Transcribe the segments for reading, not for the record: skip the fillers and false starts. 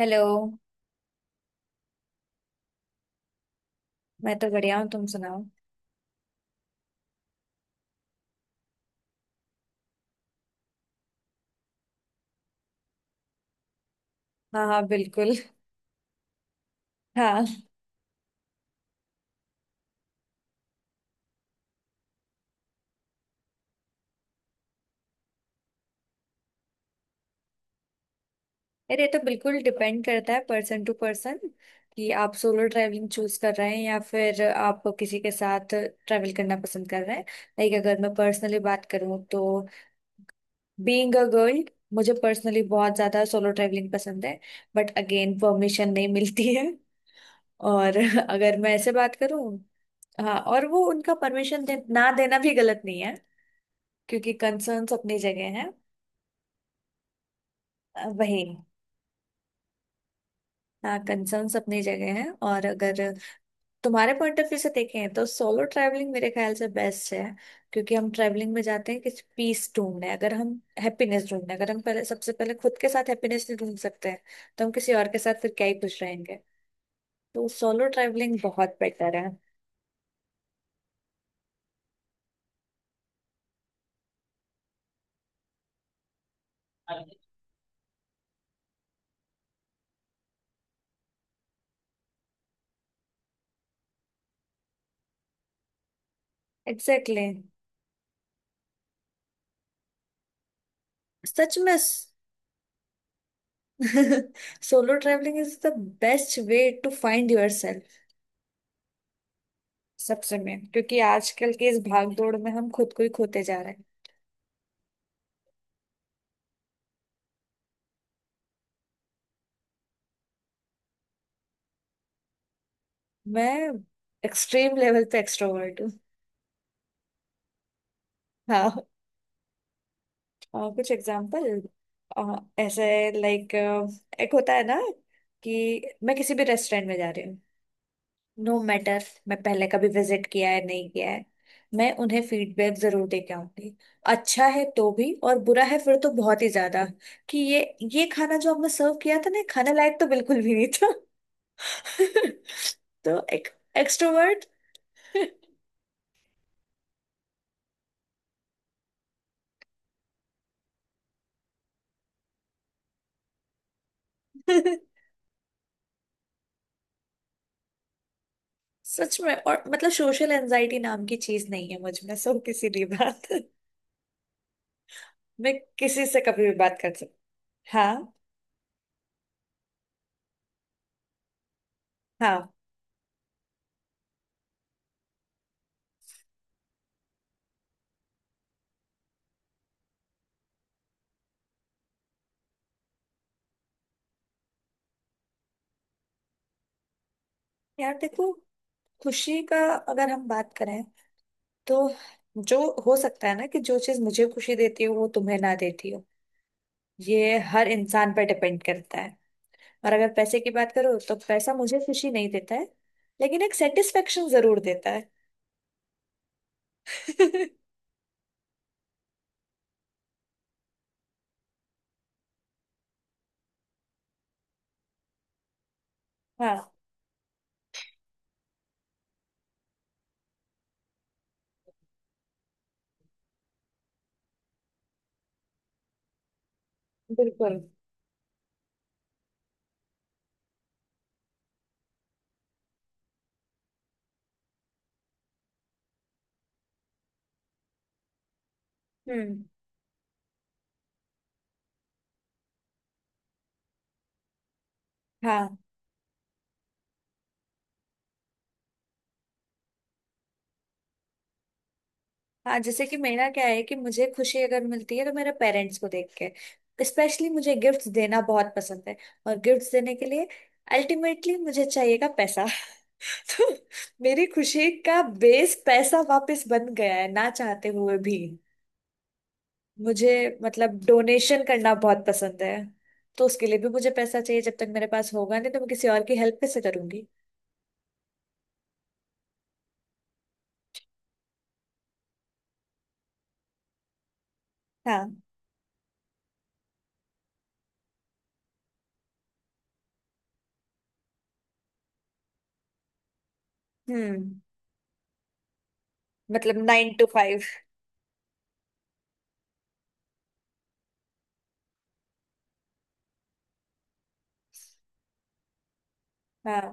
Hello. मैं तो बढ़िया हूँ, तुम सुनाओ। हाँ हाँ बिल्कुल। हाँ। अरे ये तो बिल्कुल डिपेंड करता है पर्सन टू पर्सन, कि आप सोलो ट्रैवलिंग चूज कर रहे हैं या फिर आप किसी के साथ ट्रैवल करना पसंद कर रहे हैं। लाइक अगर मैं पर्सनली बात करूँ तो बीइंग अ गर्ल मुझे पर्सनली बहुत ज्यादा सोलो ट्रैवलिंग पसंद है। बट अगेन परमिशन नहीं मिलती है। और अगर मैं ऐसे बात करूँ, हाँ और वो उनका परमिशन दे, ना देना भी गलत नहीं है, क्योंकि कंसर्न्स अपनी जगह है। वही। हाँ कंसर्न्स अपनी जगह है, और अगर तुम्हारे पॉइंट ऑफ व्यू से देखें तो सोलो ट्रैवलिंग मेरे ख्याल से बेस्ट है, क्योंकि हम ट्रैवलिंग में जाते हैं कि पीस ढूंढने, अगर हम हैप्पीनेस ढूंढने, अगर हम पहले सबसे पहले खुद के साथ हैप्पीनेस नहीं ढूंढ सकते हैं तो हम किसी और के साथ फिर क्या ही खुश रहेंगे। तो सोलो ट्रैवलिंग बहुत बेटर है। Exactly exactly। सच में solo travelling is the best way to find your self. सबसे में, क्योंकि आजकल के इस भाग दौड़ में हम खुद को ही खोते जा रहे हैं। मैं एक्सट्रीम लेवल पे एक्सट्रोवर्ट हूँ। हाँ। कुछ एग्जांपल ऐसे। लाइक एक होता है ना कि मैं किसी भी रेस्टोरेंट में जा रही हूँ, नो मैटर मैं पहले कभी विजिट किया है नहीं किया है, मैं उन्हें फीडबैक जरूर दे के आऊंगी। अच्छा है तो भी, और बुरा है फिर तो बहुत ही ज्यादा, कि ये खाना जो आपने सर्व किया था ना ये खाने लायक तो बिल्कुल भी नहीं था। तो एक एक्सट्रोवर्ट। सच में, और मतलब सोशल एंजाइटी नाम की चीज नहीं है मुझ में, सो किसी भी बात। मैं किसी से कभी भी बात कर सकती। हाँ हाँ। यार देखो खुशी का अगर हम बात करें तो जो, हो सकता है ना कि जो चीज मुझे खुशी देती हो वो तुम्हें ना देती हो। ये हर इंसान पर डिपेंड करता है। और अगर पैसे की बात करो तो पैसा मुझे खुशी नहीं देता है, लेकिन एक सेटिस्फेक्शन जरूर देता है। हाँ बिल्कुल। हम्म। हाँ हाँ जैसे कि मेरा क्या है कि मुझे खुशी अगर मिलती है तो मेरे पेरेंट्स को देख के, स्पेशली मुझे गिफ्ट्स देना बहुत पसंद है, और गिफ्ट्स देने के लिए अल्टीमेटली मुझे चाहिएगा पैसा। तो मेरी खुशी का बेस पैसा वापस बन गया है, ना चाहते हुए भी। मुझे मतलब डोनेशन करना बहुत पसंद है, तो उसके लिए भी मुझे पैसा चाहिए। जब तक मेरे पास होगा नहीं तो मैं किसी और की हेल्प कैसे करूंगी। हाँ। हम्म। मतलब नाइन टू फाइव। हाँ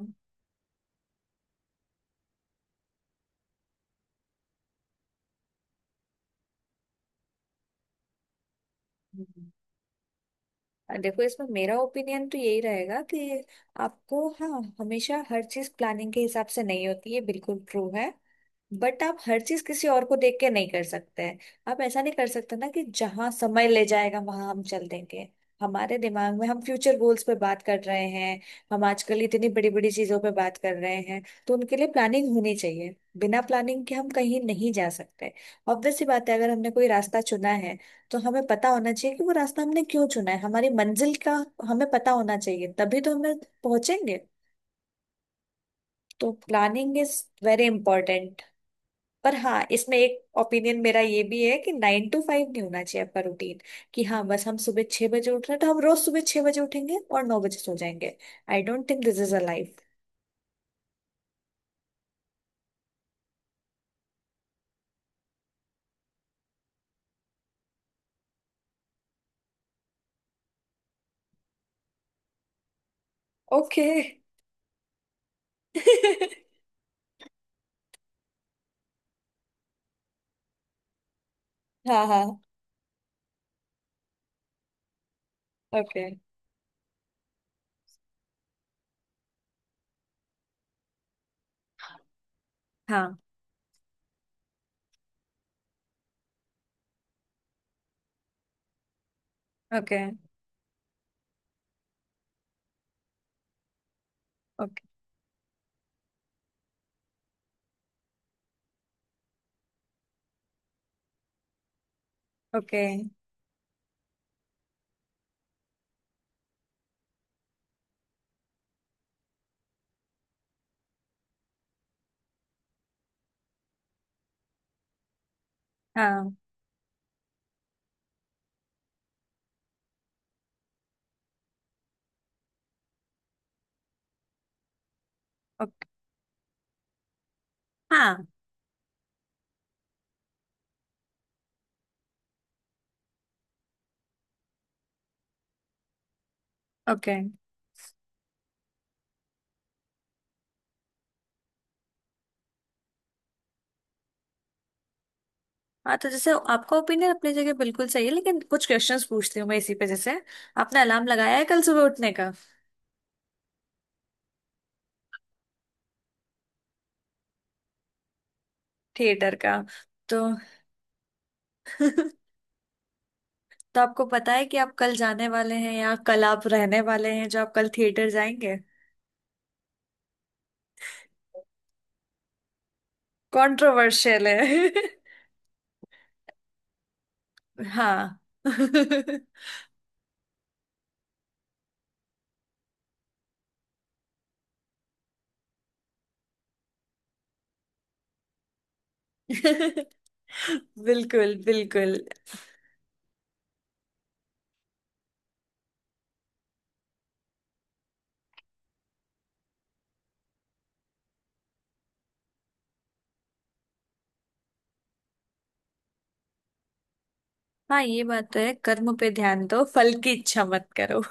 देखो इसमें मेरा ओपिनियन तो यही रहेगा कि आपको, हाँ हमेशा हर चीज प्लानिंग के हिसाब से नहीं होती है, बिल्कुल ट्रू है, बट आप हर चीज किसी और को देख के नहीं कर सकते हैं। आप ऐसा नहीं कर सकते ना कि जहां समय ले जाएगा वहां हम चल देंगे। हमारे दिमाग में हम फ्यूचर गोल्स पे बात कर रहे हैं। हम आजकल इतनी बड़ी बड़ी चीजों पे बात कर रहे हैं, तो उनके लिए प्लानिंग होनी चाहिए। बिना प्लानिंग के हम कहीं नहीं जा सकते। ऑब्वियस सी बात है अगर हमने कोई रास्ता चुना है तो हमें पता होना चाहिए कि वो रास्ता हमने क्यों चुना है, हमारी मंजिल का हमें पता होना चाहिए तभी तो हमें पहुंचेंगे। तो प्लानिंग इज वेरी इंपॉर्टेंट। पर हाँ इसमें एक ओपिनियन मेरा ये भी है कि नाइन टू फाइव नहीं होना चाहिए आपका रूटीन, कि हाँ बस हम सुबह छह बजे उठ रहे हैं तो हम रोज सुबह छह बजे उठेंगे और नौ बजे सो जाएंगे। I don't think this is a life. Okay. हाँ हाँ। ओके। हाँ। ओके। ओके। ओके। हाँ। ओके। हाँ। ओके। हाँ तो जैसे आपका ओपिनियन अपनी जगह बिल्कुल सही है, लेकिन कुछ क्वेश्चंस पूछती हूँ मैं इसी पे, जैसे आपने अलार्म लगाया है कल सुबह उठने का। थिएटर का? तो तो आपको पता है कि आप कल जाने वाले हैं या कल आप रहने वाले हैं, जो आप कल थिएटर जाएंगे। कंट्रोवर्शियल है। हाँ। बिल्कुल बिल्कुल। हाँ ये बात तो है, कर्म पे ध्यान दो फल की इच्छा मत करो।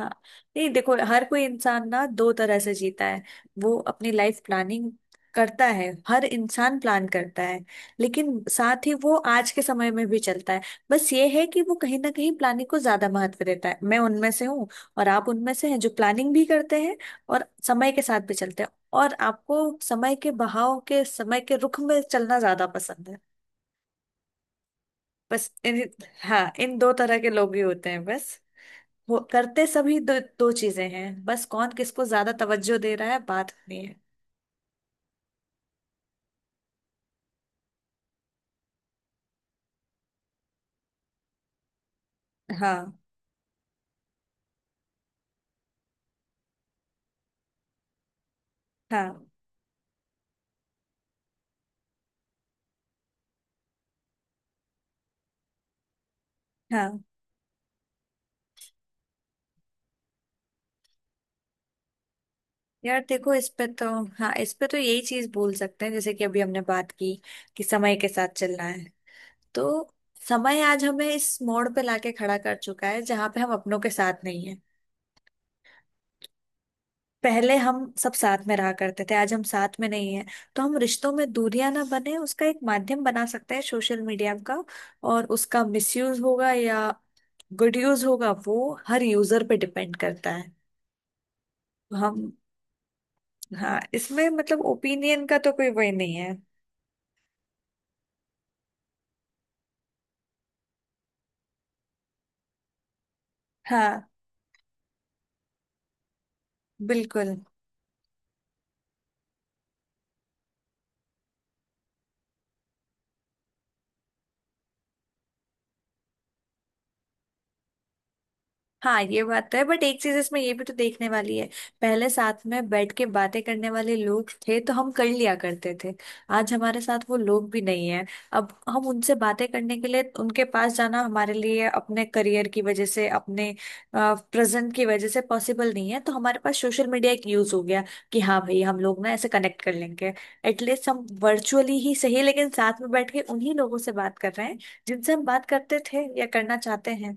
हाँ। नहीं देखो हर कोई इंसान ना दो तरह से जीता है। वो अपनी लाइफ प्लानिंग करता है, हर इंसान प्लान करता है, लेकिन साथ ही वो आज के समय में भी चलता है। बस ये है कि वो कहीं ना कहीं प्लानिंग को ज्यादा महत्व देता है, मैं उनमें से हूँ। और आप उनमें से हैं जो प्लानिंग भी करते हैं और समय के साथ भी चलते हैं, और आपको समय के बहाव के, समय के रुख में चलना ज्यादा पसंद है। बस इन, हाँ इन दो तरह के लोग ही होते हैं बस। वो करते सभी दो, दो चीजें हैं बस, कौन किसको ज्यादा तवज्जो दे रहा है बात होनी है। हाँ हाँ हाँ। यार देखो इस पे तो, हाँ इस पे तो यही चीज बोल सकते हैं, जैसे कि अभी हमने बात की कि समय के साथ चलना है, तो समय आज हमें इस मोड़ पे लाके खड़ा कर चुका है जहां पे हम अपनों के साथ नहीं है। पहले हम सब साथ में रहा करते थे, आज हम साथ में नहीं है। तो हम रिश्तों में दूरियां ना बने उसका एक माध्यम बना सकते हैं सोशल मीडिया का। और उसका मिसयूज होगा या गुड यूज होगा वो हर यूजर पे डिपेंड करता है। हम, हाँ इसमें मतलब ओपिनियन का तो कोई वही नहीं है। हाँ बिल्कुल। हाँ ये बात तो है, बट एक चीज इसमें ये भी तो देखने वाली है। पहले साथ में बैठ के बातें करने वाले लोग थे तो हम कर लिया करते थे, आज हमारे साथ वो लोग भी नहीं है। अब हम उनसे बातें करने के लिए उनके पास जाना हमारे लिए अपने करियर की वजह से, अपने प्रेजेंट की वजह से पॉसिबल नहीं है, तो हमारे पास सोशल मीडिया एक यूज हो गया, कि हाँ भाई हम लोग ना ऐसे कनेक्ट कर लेंगे, एटलीस्ट हम वर्चुअली ही सही लेकिन साथ में बैठ के उन्हीं लोगों से बात कर रहे हैं जिनसे हम बात करते थे या करना चाहते हैं।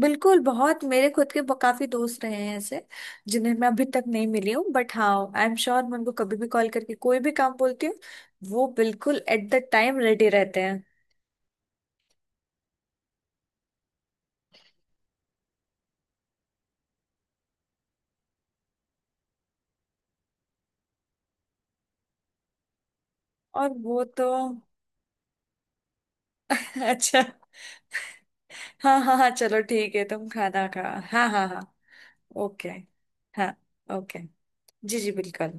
बिल्कुल, बहुत मेरे खुद के काफी दोस्त रहे हैं ऐसे जिन्हें मैं अभी तक नहीं मिली हूँ, बट हाँ आई एम श्योर मैं उनको कभी भी कॉल करके कोई भी काम बोलती हूँ वो बिल्कुल एट द टाइम रेडी रहते हैं। और वो तो अच्छा हाँ हाँ हाँ चलो ठीक है, तुम खाना खा। हाँ हाँ हाँ। ओके। हाँ। ओके। जी जी बिल्कुल।